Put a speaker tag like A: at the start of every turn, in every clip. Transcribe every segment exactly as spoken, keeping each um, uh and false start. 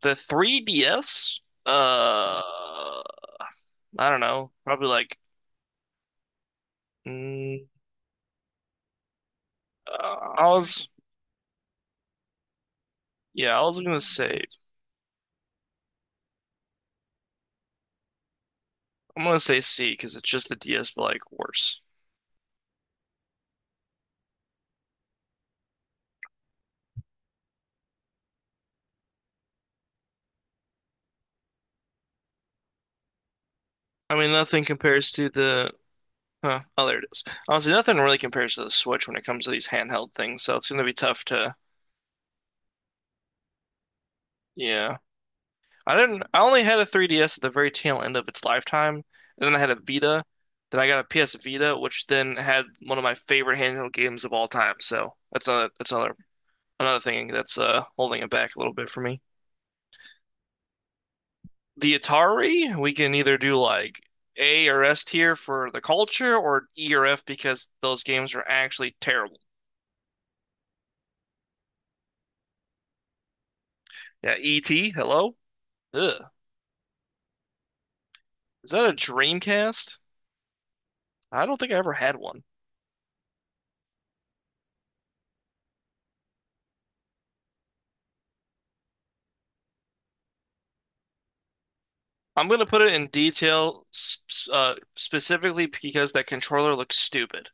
A: The three D S, uh, I don't know, probably like, mm, uh, I was, yeah, I was gonna say, I'm gonna say C because it's just the D S, but like worse. I mean, nothing compares to the, huh, oh, there it is. Honestly, nothing really compares to the Switch when it comes to these handheld things, so it's gonna be tough to, yeah. I didn't, I only had a three D S at the very tail end of its lifetime, and then I had a Vita. Then I got a P S Vita, which then had one of my favorite handheld games of all time. So that's another that's another another thing that's uh holding it back a little bit for me. The Atari, we can either do like A or S tier for the culture or E or F because those games are actually terrible. Yeah, E T, hello? Ugh. Is that a Dreamcast? I don't think I ever had one. I'm gonna put it in detail s- uh, specifically because that controller looks stupid.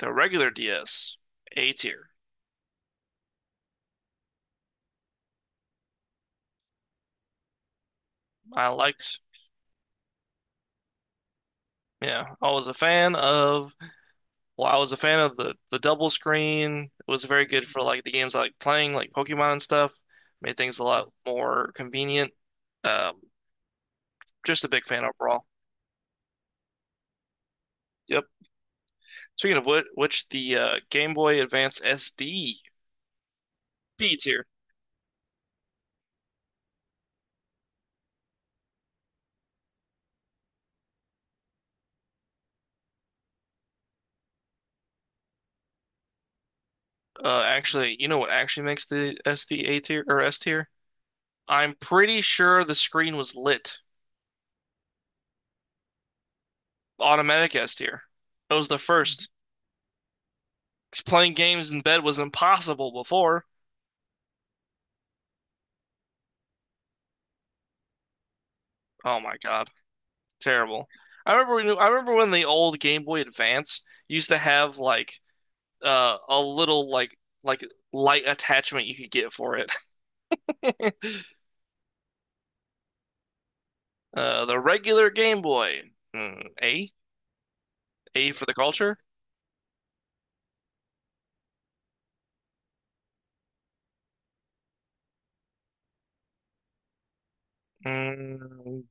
A: The regular D S, A tier. I liked, yeah, I was a fan of well, I was a fan of the the double screen. It was very good for like the games I like playing, like Pokemon and stuff. Made things a lot more convenient. Um, just a big fan overall. Yep. Speaking of which, which the uh, Game Boy Advance S D B tier. Uh, actually, you know what actually makes the S D A tier or S tier? I'm pretty sure the screen was lit. Automatic S tier. It was the first. 'Cause playing games in bed was impossible before. Oh my God. Terrible. I remember when, I remember when the old Game Boy Advance used to have like uh a little like like light attachment you could get for it. Uh, the regular Game Boy. Mm, A? A for the culture? Mm.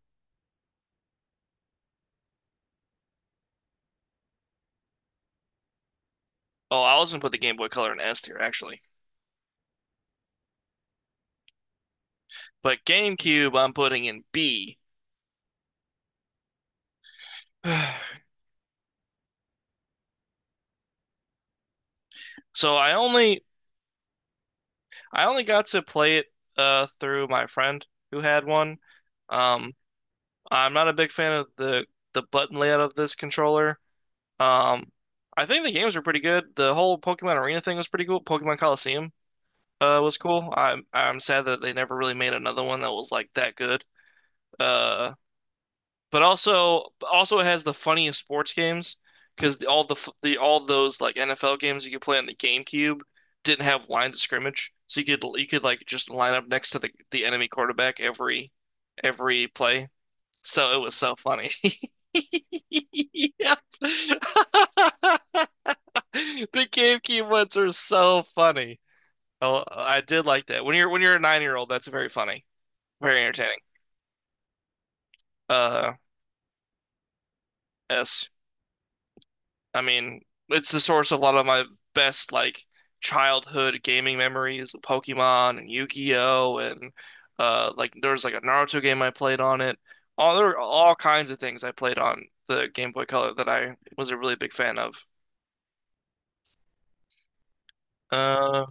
A: Oh, I was gonna put the Game Boy Color in S tier actually. But GameCube I'm putting in B. So I only I only got to play it uh through my friend who had one. Um I'm not a big fan of the the button layout of this controller. Um, I think the games were pretty good. The whole Pokemon Arena thing was pretty cool. Pokemon Coliseum uh, was cool. I'm I'm sad that they never really made another one that was like that good. Uh, but also also it has the funniest sports games because all the f- the all those like N F L games you could play on the GameCube didn't have lines of scrimmage, so you could you could like just line up next to the the enemy quarterback every every play. So it was so funny. Yep. The GameCube ones are so funny. Oh, I did like that. When you're when you're a nine year old, that's very funny, very entertaining. Uh, yes. I mean, it's the source of a lot of my best like childhood gaming memories of Pokemon and Yu-Gi-Oh and uh, like there was like a Naruto game I played on it. All there were all kinds of things I played on the Game Boy Color that I was a really big fan of. Uh,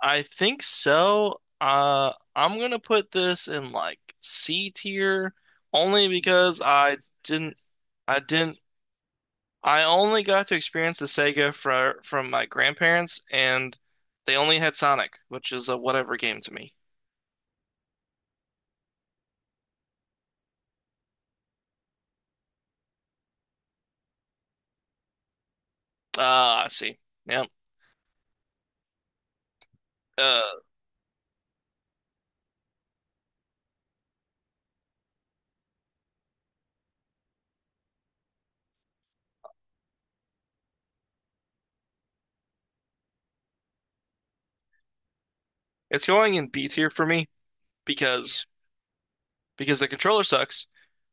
A: I think so. Uh, I'm gonna put this in like C tier only because I didn't, I didn't, I only got to experience the Sega from from my grandparents, and they only had Sonic, which is a whatever game to me. Ah, I see. Yeah, Uh, it's going in B tier for me because because the controller sucks.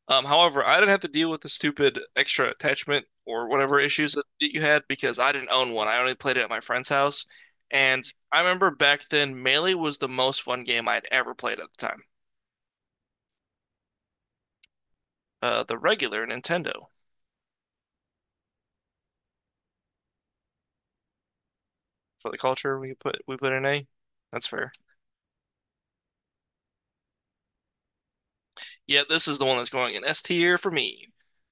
A: Um, however, I didn't have to deal with the stupid extra attachment or whatever issues that you had because I didn't own one. I only played it at my friend's house. And I remember back then, Melee was the most fun game I'd ever played at the time. Uh, the regular Nintendo for the culture we put we put in A. That's fair. Yeah, this is the one that's going in S tier for me.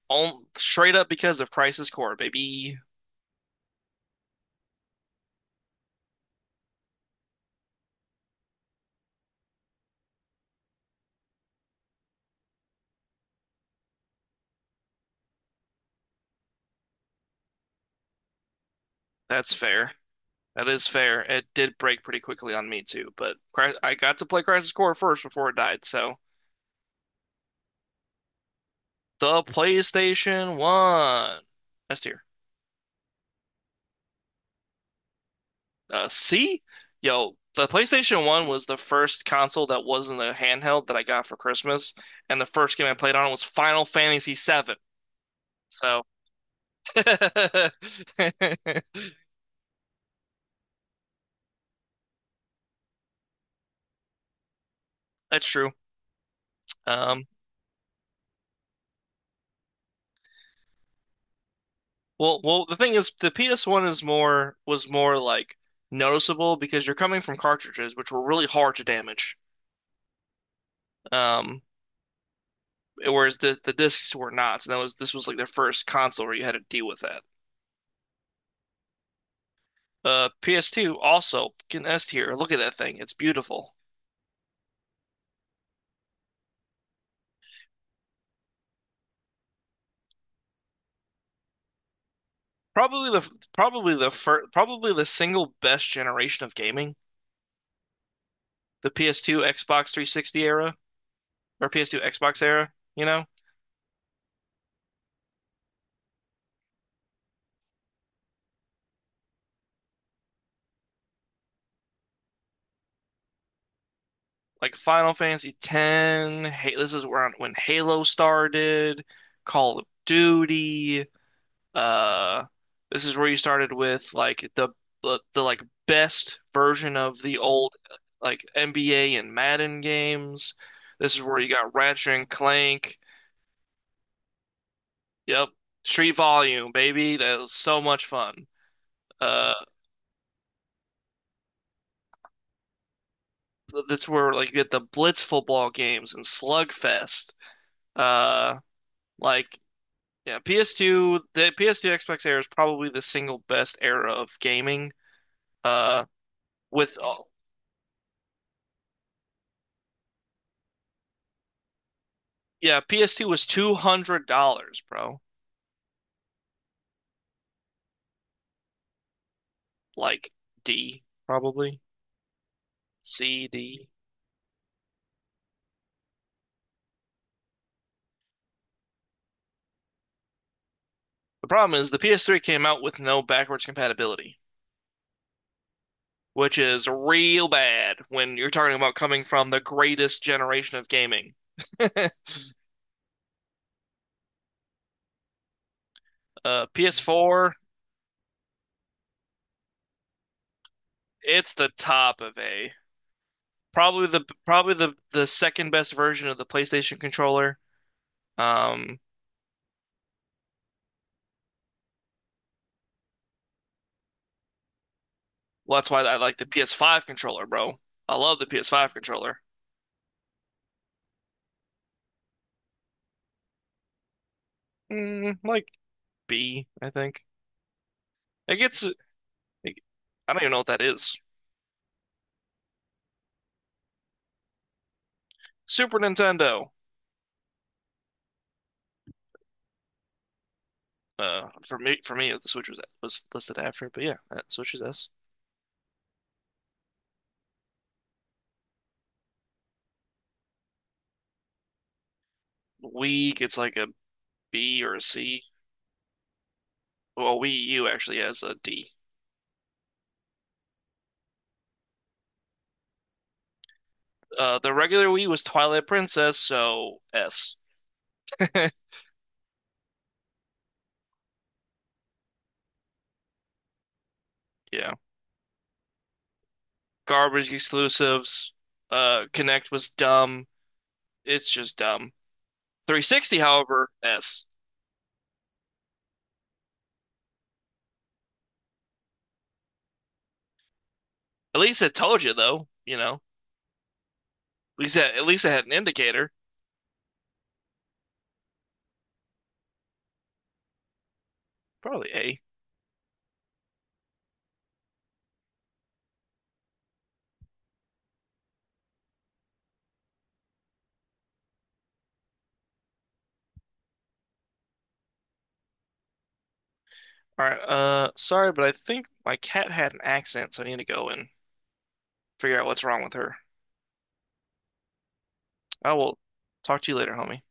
A: All straight up because of Crisis Core, baby. That's fair. That is fair. It did break pretty quickly on me too, but Cry- I got to play Crisis Core first before it died, so the PlayStation one. S tier. Uh, C? Yo, the PlayStation one was the first console that wasn't a handheld that I got for Christmas, and the first game I played on was Final Fantasy the seventh. So that's true. Um, well, well, the thing is, the P S one is more was more like noticeable because you're coming from cartridges, which were really hard to damage. Um, whereas the the discs were not. So that was this was like their first console where you had to deal with that. Uh, P S two also can S tier. Look at that thing. It's beautiful. Probably the probably the fir probably the single best generation of gaming. The P S two Xbox three sixty era or P S two Xbox era, you know? Like Final Fantasy X, hey, this is where when Halo started, Call of Duty, Uh, this is where you started with like the the, the like best version of the old like N B A and Madden games. This is where you got Ratchet and Clank. Yep, Street Volume, baby. That was so much fun. Uh, th- that's where like you get the Blitz football games and Slugfest. Uh, like yeah, P S two the P S two Xbox era is probably the single best era of gaming. Uh, with all. Yeah, P S two was two hundred dollars, bro. Like D, probably C, D. The problem is the P S three came out with no backwards compatibility, which is real bad when you're talking about coming from the greatest generation of gaming. Uh, P S four, it's the top of A. Probably the probably the the second best version of the PlayStation controller. Um, well, that's why I like the P S five controller, bro. I love the P S five controller. Mm, like B, I think. It gets, it, I don't even know what that is. Super Nintendo. Uh, for me, for me, the Switch was was listed after it, but yeah, that Switch is S. Wii gets like a B or a C. Well, Wii U actually has a D. Uh, the regular Wii was Twilight Princess, so S. Yeah, garbage exclusives. Uh, Connect was dumb. It's just dumb. three sixty, however, S. At least it told you though, you know. At least it, at least it had an indicator. Probably A. All right. Uh, sorry, but I think my cat had an accent, so I need to go and figure out what's wrong with her. I will talk to you later, homie.